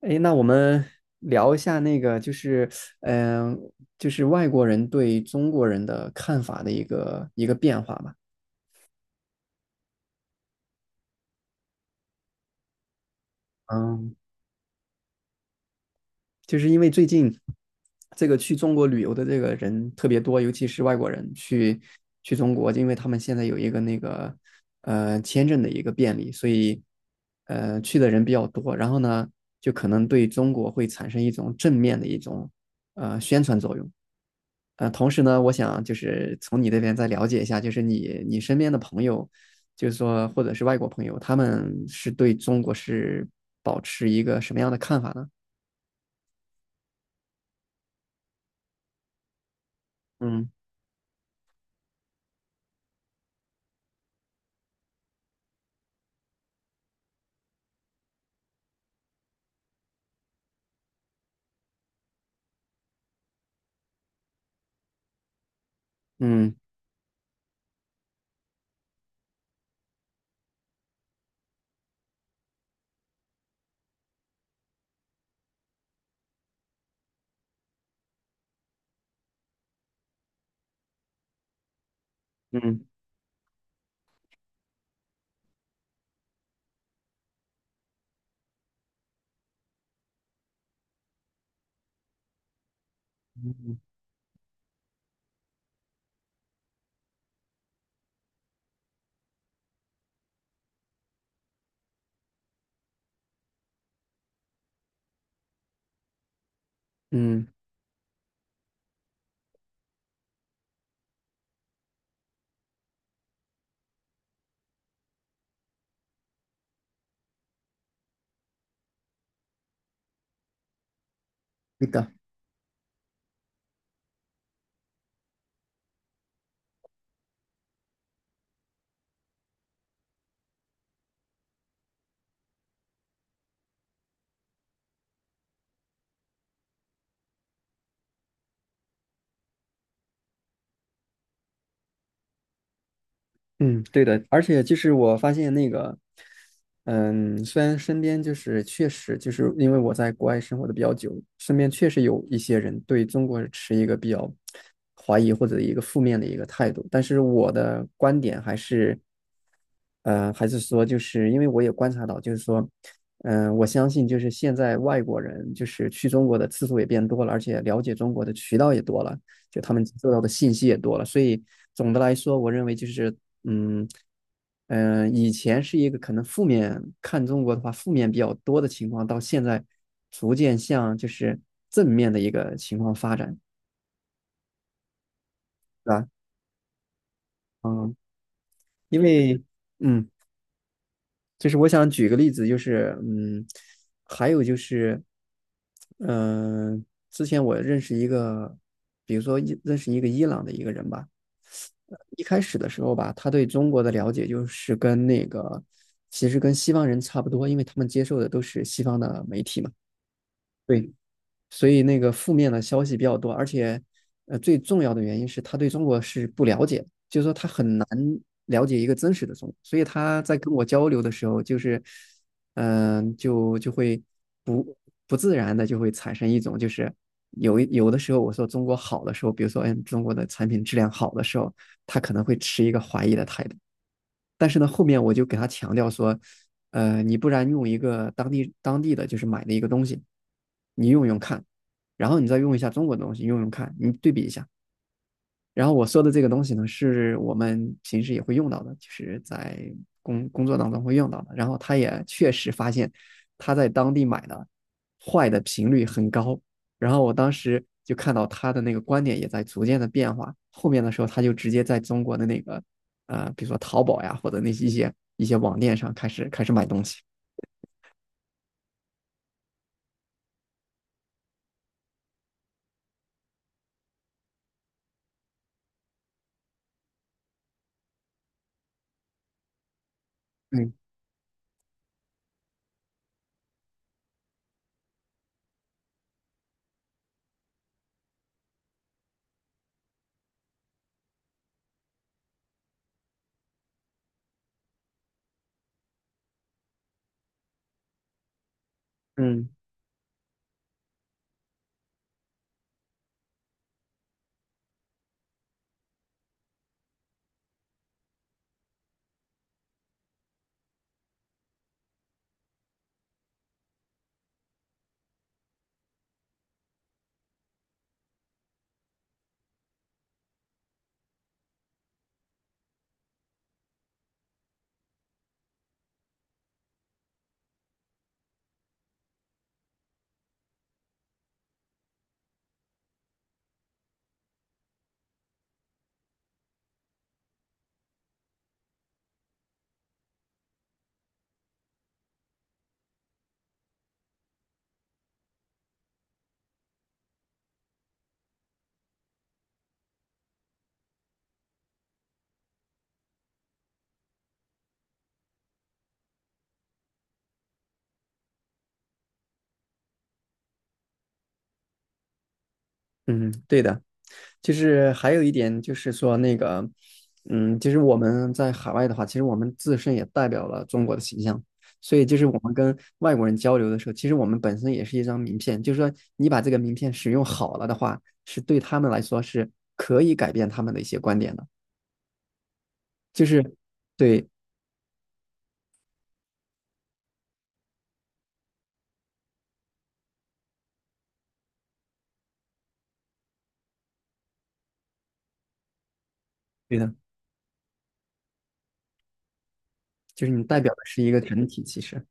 诶，那我们聊一下那个，就是，嗯、就是外国人对中国人的看法的一个变化吧。嗯，就是因为最近这个去中国旅游的这个人特别多，尤其是外国人去中国，因为他们现在有一个那个签证的一个便利，所以去的人比较多。然后呢，就可能对中国会产生一种正面的一种宣传作用。同时呢，我想就是从你那边再了解一下，就是你身边的朋友，就是说或者是外国朋友，他们是对中国是保持一个什么样的看法呢？嗯嗯嗯嗯，那个。嗯，对的，而且就是我发现那个，嗯，虽然身边就是确实就是因为我在国外生活的比较久，身边确实有一些人对中国持一个比较怀疑或者一个负面的一个态度，但是我的观点还是，呃，还是说就是因为我也观察到，就是说，我相信就是现在外国人就是去中国的次数也变多了，而且了解中国的渠道也多了。就他们接受到的信息也多了，所以总的来说，我认为就是嗯以前是一个可能负面看中国的话负面比较多的情况，到现在逐渐向就是正面的一个情况发展，对吧？因为嗯，就是我想举个例子，就是嗯，还有就是嗯、呃之前我认识一个，比如说伊认识一个伊朗的一个人吧。一开始的时候吧，他对中国的了解就是跟那个，其实跟西方人差不多，因为他们接受的都是西方的媒体嘛，对，所以那个负面的消息比较多，而且最重要的原因是他对中国是不了解，就是说他很难了解一个真实的中国，所以他在跟我交流的时候，就是嗯、呃就就会不不自然的就会产生一种就是有的时候我说中国好的时候，比如说哎中国的产品质量好的时候，他可能会持一个怀疑的态度。但是呢，后面我就给他强调说，呃，你不然用一个当地的就是买的一个东西，你用看，然后你再用一下中国的东西，用看，你对比一下。然后我说的这个东西呢，是我们平时也会用到的，就是在工作当中会用到的。然后他也确实发现他在当地买的坏的频率很高。然后我当时就看到他的那个观点也在逐渐的变化。后面的时候，他就直接在中国的那个呃，比如说淘宝呀，或者那些一些网店上开始买东西。嗯嗯嗯，对的。就是还有一点就是说那个，嗯，就是我们在海外的话，其实我们自身也代表了中国的形象，所以就是我们跟外国人交流的时候，其实我们本身也是一张名片，就是说你把这个名片使用好了的话，是对他们来说是可以改变他们的一些观点的，就是对，对的，就是你代表的是一个整体，其实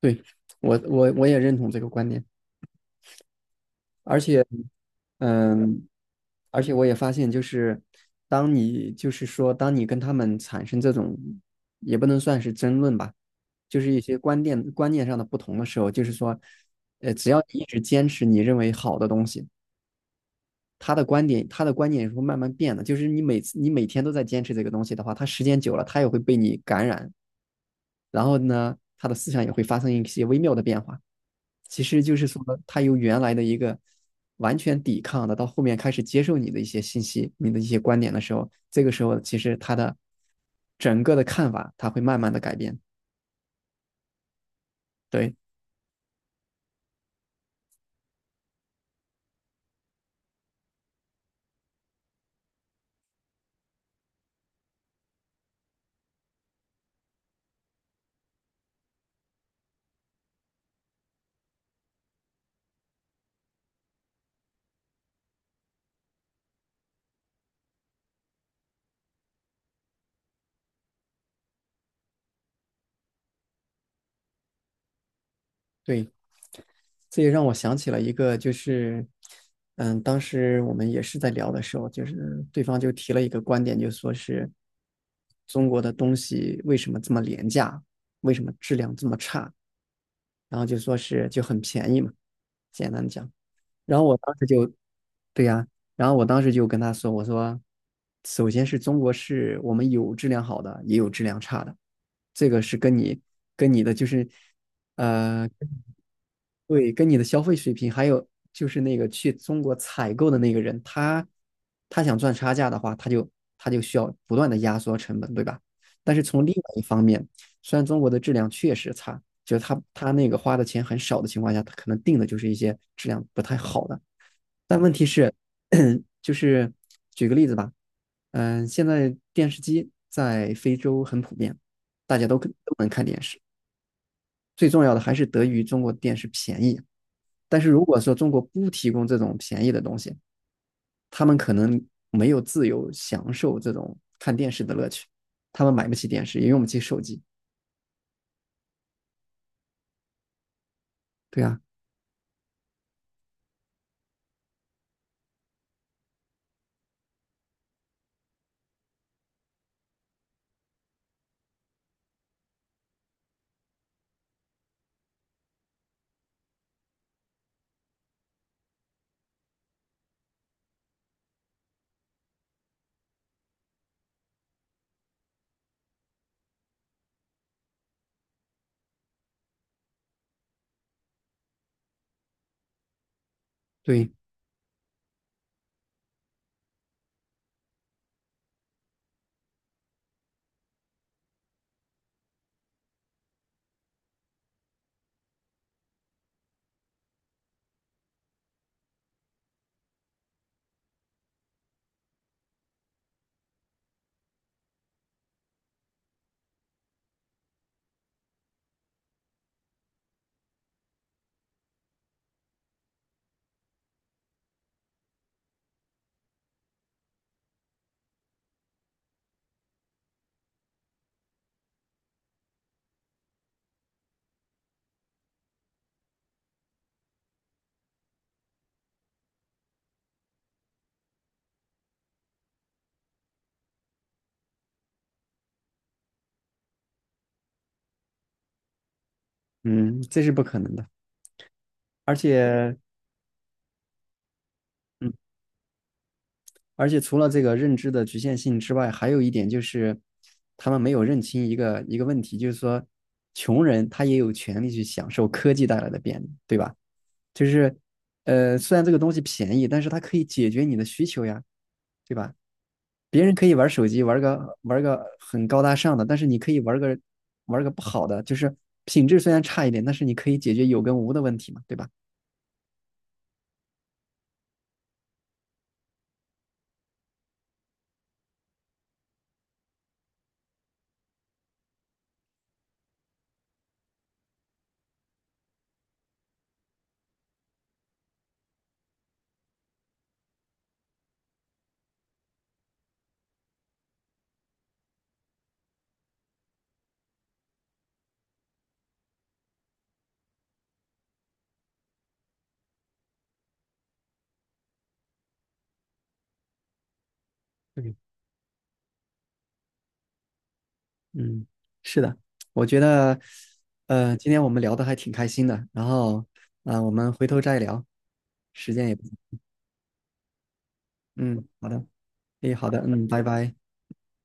对，我也认同这个观点，而且嗯，而且我也发现，就是当你就是说，当你跟他们产生这种，也不能算是争论吧，就是一些观念上的不同的时候，就是说，呃，只要你一直坚持你认为好的东西，他的观点也是会慢慢变的。就是你每天都在坚持这个东西的话，他时间久了，他也会被你感染，然后呢，他的思想也会发生一些微妙的变化。其实就是说，他由原来的一个完全抵抗的，到后面开始接受你的一些信息、你的一些观点的时候，这个时候其实他的整个的看法，他会慢慢的改变。对对，这也让我想起了一个，就是嗯，当时我们也是在聊的时候，就是对方就提了一个观点，就说是中国的东西为什么这么廉价，为什么质量这么差？然后就说是就很便宜嘛，简单讲。然后我当时就，对呀、然后我当时就跟他说，我说，首先是中国是我们有质量好的，也有质量差的，这个是跟你跟你的就是，呃，对，跟你的消费水平，还有就是那个去中国采购的那个人，他想赚差价的话，他就需要不断的压缩成本，对吧？但是从另外一方面，虽然中国的质量确实差，就是他那个花的钱很少的情况下，他可能定的就是一些质量不太好的。但问题是，就是举个例子吧，现在电视机在非洲很普遍，大家都都能看电视。最重要的还是得益于中国电视便宜。但是如果说中国不提供这种便宜的东西，他们可能没有自由享受这种看电视的乐趣，他们买不起电视，也用不起手机。对啊，对，嗯，这是不可能的。而且，嗯，而且除了这个认知的局限性之外，还有一点就是，他们没有认清一个问题，就是说，穷人他也有权利去享受科技带来的便利，对吧？就是，呃，虽然这个东西便宜，但是它可以解决你的需求呀，对吧？别人可以玩手机，玩个很高大上的，但是你可以玩个不好的，就是品质虽然差一点，但是你可以解决有跟无的问题嘛，对吧？嗯，是的，我觉得，呃，今天我们聊的还挺开心的，然后，啊，我们回头再聊，时间也不嗯，好的，诶，好的，嗯，拜拜。